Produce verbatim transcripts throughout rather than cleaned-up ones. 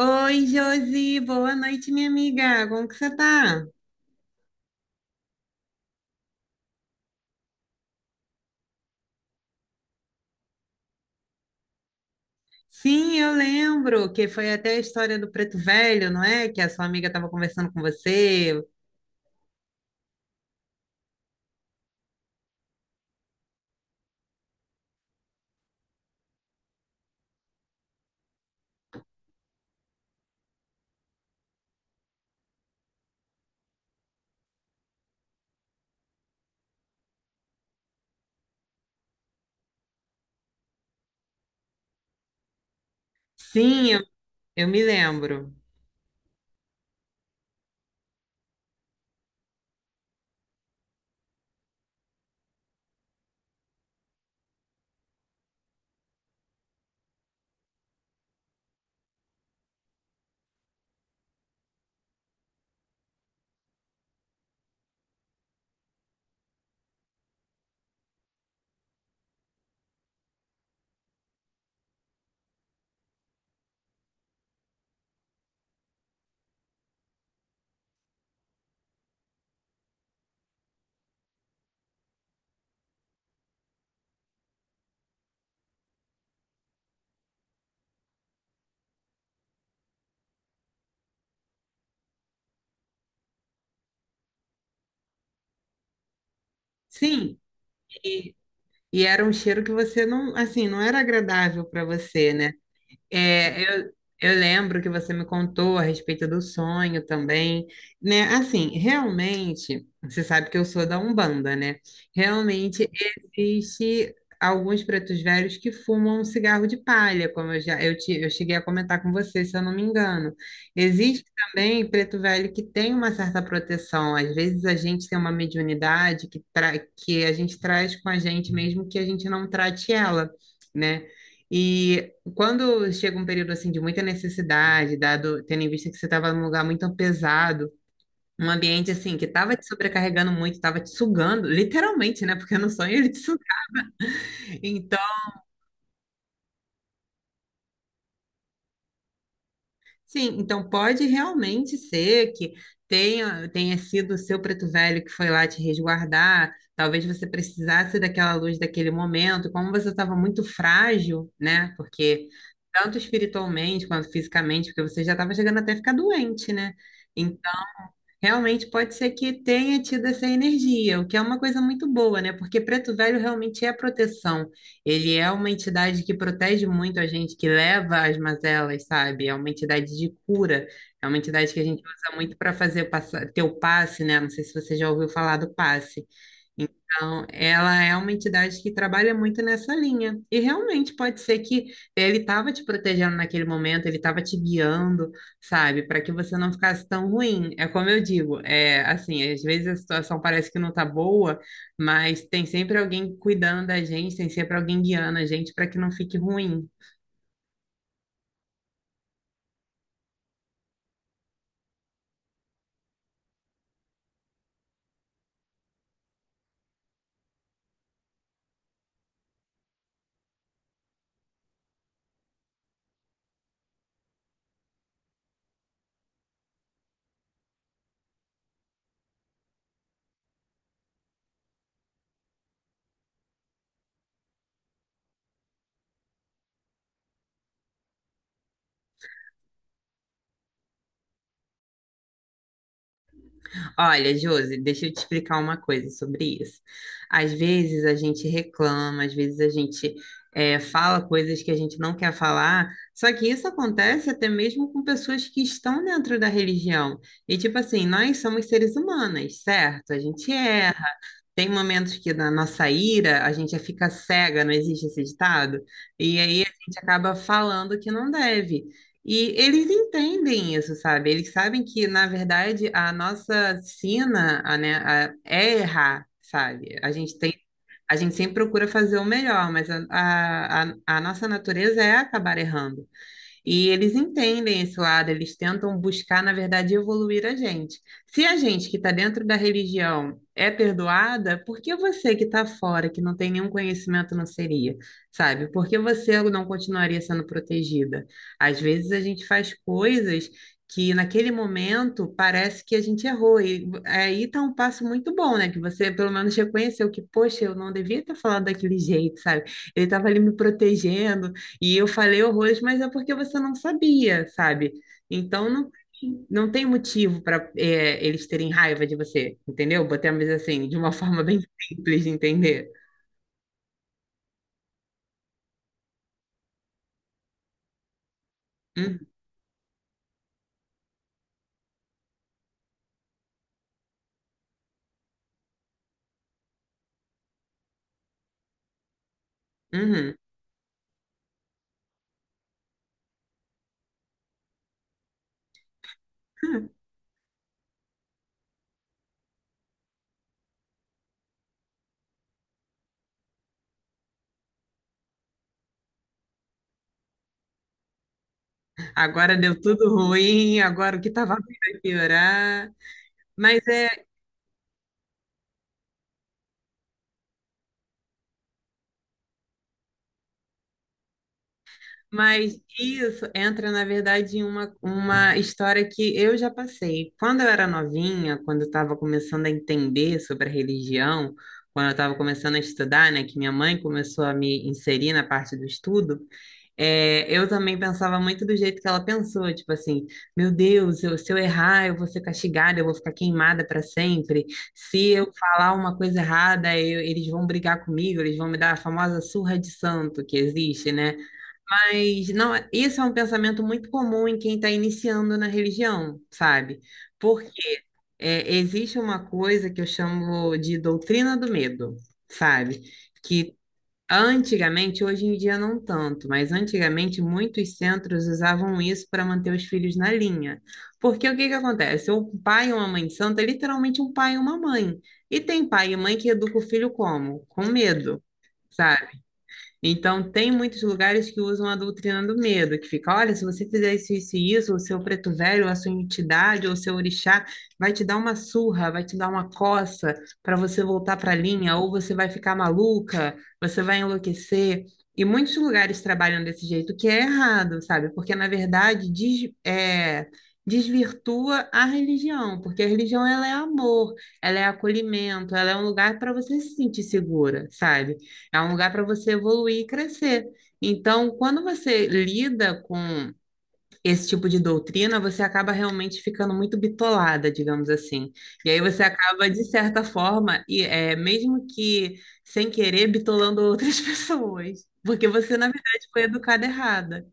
Oi, Josi, boa noite, minha amiga. Como que você tá? Sim, eu lembro que foi até a história do Preto Velho, não é? Que a sua amiga estava conversando com você. Sim, eu, eu me lembro. Sim, e, e era um cheiro que você não, assim, não era agradável para você, né? É, eu, eu lembro que você me contou a respeito do sonho também, né? Assim, realmente, você sabe que eu sou da Umbanda, né? Realmente existe alguns pretos velhos que fumam um cigarro de palha, como eu já eu, te, eu cheguei a comentar com você, se eu não me engano. Existe também preto velho que tem uma certa proteção. Às vezes a gente tem uma mediunidade que, tra, que a gente traz com a gente, mesmo que a gente não trate ela, né? E quando chega um período assim de muita necessidade, dado tendo em vista que você estava num lugar muito pesado, um ambiente assim que estava te sobrecarregando muito, estava te sugando, literalmente, né? Porque no sonho ele te suga. Então, sim, então pode realmente ser que tenha, tenha sido o seu preto velho que foi lá te resguardar. Talvez você precisasse daquela luz daquele momento, como você estava muito frágil, né? Porque tanto espiritualmente quanto fisicamente, porque você já estava chegando até a ficar doente, né? Realmente pode ser que tenha tido essa energia, o que é uma coisa muito boa, né? Porque Preto Velho realmente é proteção. Ele é uma entidade que protege muito a gente, que leva as mazelas, sabe? É uma entidade de cura, é uma entidade que a gente usa muito para fazer o passa- ter o passe, né? Não sei se você já ouviu falar do passe. Então, ela é uma entidade que trabalha muito nessa linha. E realmente pode ser que ele estava te protegendo naquele momento, ele estava te guiando sabe? Para que você não ficasse tão ruim. É como eu digo, é assim, às vezes a situação parece que não tá boa, mas tem sempre alguém cuidando da gente, tem sempre alguém guiando a gente para que não fique ruim. Olha, Josi, deixa eu te explicar uma coisa sobre isso. Às vezes a gente reclama, às vezes a gente é, fala coisas que a gente não quer falar, só que isso acontece até mesmo com pessoas que estão dentro da religião. E, tipo assim, nós somos seres humanos, certo? A gente é. Tem momentos que na nossa ira a gente fica cega, não existe esse ditado? E aí a gente acaba falando que não deve. E eles entendem isso, sabe? Eles sabem que, na verdade, a nossa sina, a, né, a- é errar, sabe? A gente tem, a gente sempre procura fazer o melhor, mas a, a, a a nossa natureza é acabar errando. E eles entendem esse lado, eles tentam buscar, na verdade, evoluir a gente. Se a gente que está dentro da religião é perdoada, por que você que está fora, que não tem nenhum conhecimento, não seria? Sabe? Por que você não continuaria sendo protegida? Às vezes a gente faz coisas que naquele momento parece que a gente errou. E aí está um passo muito bom, né? Que você pelo menos reconheceu que, poxa, eu não devia ter falado daquele jeito, sabe? Ele estava ali me protegendo, e eu falei horrores, mas é porque você não sabia, sabe? Então não, não tem motivo para eles terem raiva de você, entendeu? Botemos assim, de uma forma bem simples de entender. Hum, uhum. Agora deu tudo ruim, agora o que estava vindo vai piorar. Mas é. Mas isso entra, na verdade, em uma, uma história que eu já passei. Quando eu era novinha, quando eu estava começando a entender sobre a religião, quando eu estava começando a estudar, né, que minha mãe começou a me inserir na parte do estudo, é, eu também pensava muito do jeito que ela pensou, tipo assim, meu Deus, eu- se eu errar, eu vou ser castigada, eu vou ficar queimada para sempre. Se eu falar uma coisa errada, eu- eles vão brigar comigo, eles vão me dar a famosa surra de santo que existe, né? Mas não, é- isso é um pensamento muito comum em quem está iniciando na religião, sabe? Porque é, Existe uma coisa que eu chamo de doutrina do medo, sabe? Que antigamente, hoje em dia não tanto, mas antigamente muitos centros usavam isso para manter os filhos na linha. Porque o que que acontece? O pai ou uma mãe santa é literalmente um pai e uma mãe. E tem pai e mãe que educa o filho como? Com medo. Sabe? Então, tem muitos lugares que usam a doutrina do medo, que fica, olha, se você fizer isso, isso e isso, o seu preto velho, a sua entidade, ou o seu orixá, vai te dar uma surra, vai te dar uma coça para você voltar para a linha, ou você vai ficar maluca, você vai enlouquecer. E muitos lugares trabalham desse jeito, que é errado, sabe? Porque, na verdade, diz, é, desvirtua a religião, porque a religião ela é amor, ela é acolhimento, ela é um lugar para você se sentir segura, sabe? É um lugar para você evoluir e crescer. Então, quando você lida com esse tipo de doutrina, você acaba realmente ficando muito bitolada, digamos assim. E aí você acaba, de certa forma, e é, mesmo que sem querer, bitolando outras pessoas. Porque você, na verdade, foi educada errada.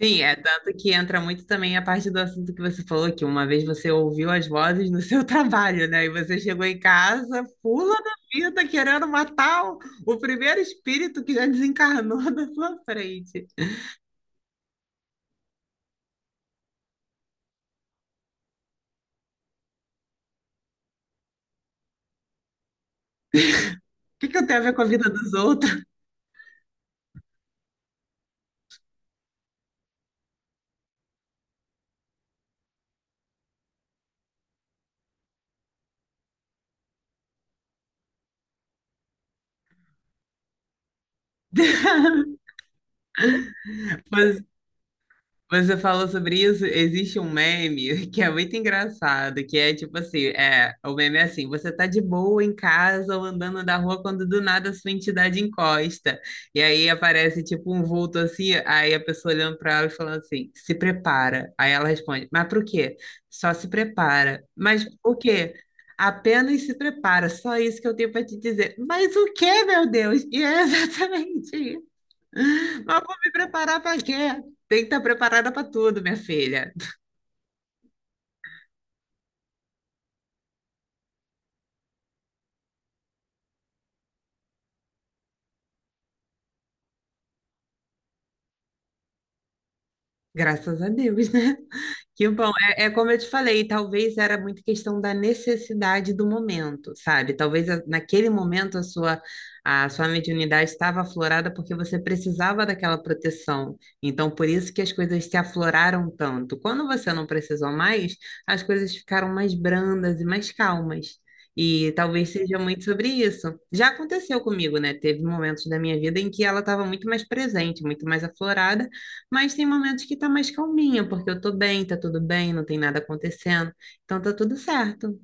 Sim, é tanto que entra muito também a parte do assunto que você falou, que uma vez você ouviu as vozes no seu trabalho, né? E você chegou em casa, pula da vida, querendo matar o, o primeiro espírito que já desencarnou da sua frente. O que que eu tenho a ver com a vida dos outros? Mas você falou sobre isso, existe um meme que é muito engraçado, que é tipo assim, é, o meme é assim, você tá de boa em casa ou andando na rua quando do nada sua entidade encosta. E aí aparece tipo um vulto assim, aí a pessoa olhando pra ela e falando assim, se prepara. Aí ela responde, mas pro quê? Só se prepara. Mas o quê? Apenas se prepara, só isso que eu tenho pra te dizer. Mas o quê, meu Deus? E é exatamente mas vou me preparar para quê? Tem que estar preparada para tudo, minha filha. Graças a Deus, né? Que bom. É, é como eu te falei, talvez era muito questão da necessidade do momento, sabe? Talvez a- naquele momento a sua, a sua mediunidade estava aflorada porque você precisava daquela proteção. Então, por isso que as coisas se afloraram tanto. Quando você não precisou mais, as coisas ficaram mais brandas e mais calmas. E talvez seja muito sobre isso. Já aconteceu comigo, né? Teve momentos da minha vida em que ela estava muito mais presente, muito mais aflorada. Mas tem momentos que tá mais calminha, porque eu tô bem, tá tudo bem, não tem nada acontecendo. Então tá tudo certo.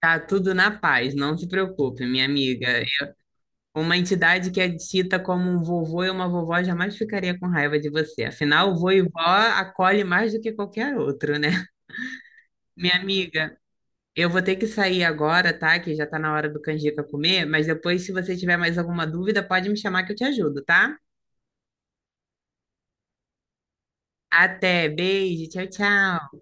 Tá tudo na paz, não se preocupe, minha amiga. Uma entidade que é dita como um vovô e uma vovó jamais ficaria com raiva de você. Afinal, vô e vó acolhe mais do que qualquer outro, né? Minha amiga, eu vou ter que sair agora, tá? Que já tá na hora do canjica comer, mas depois, se você tiver mais alguma dúvida, pode me chamar que eu te ajudo, tá? Até, beijo, tchau, tchau.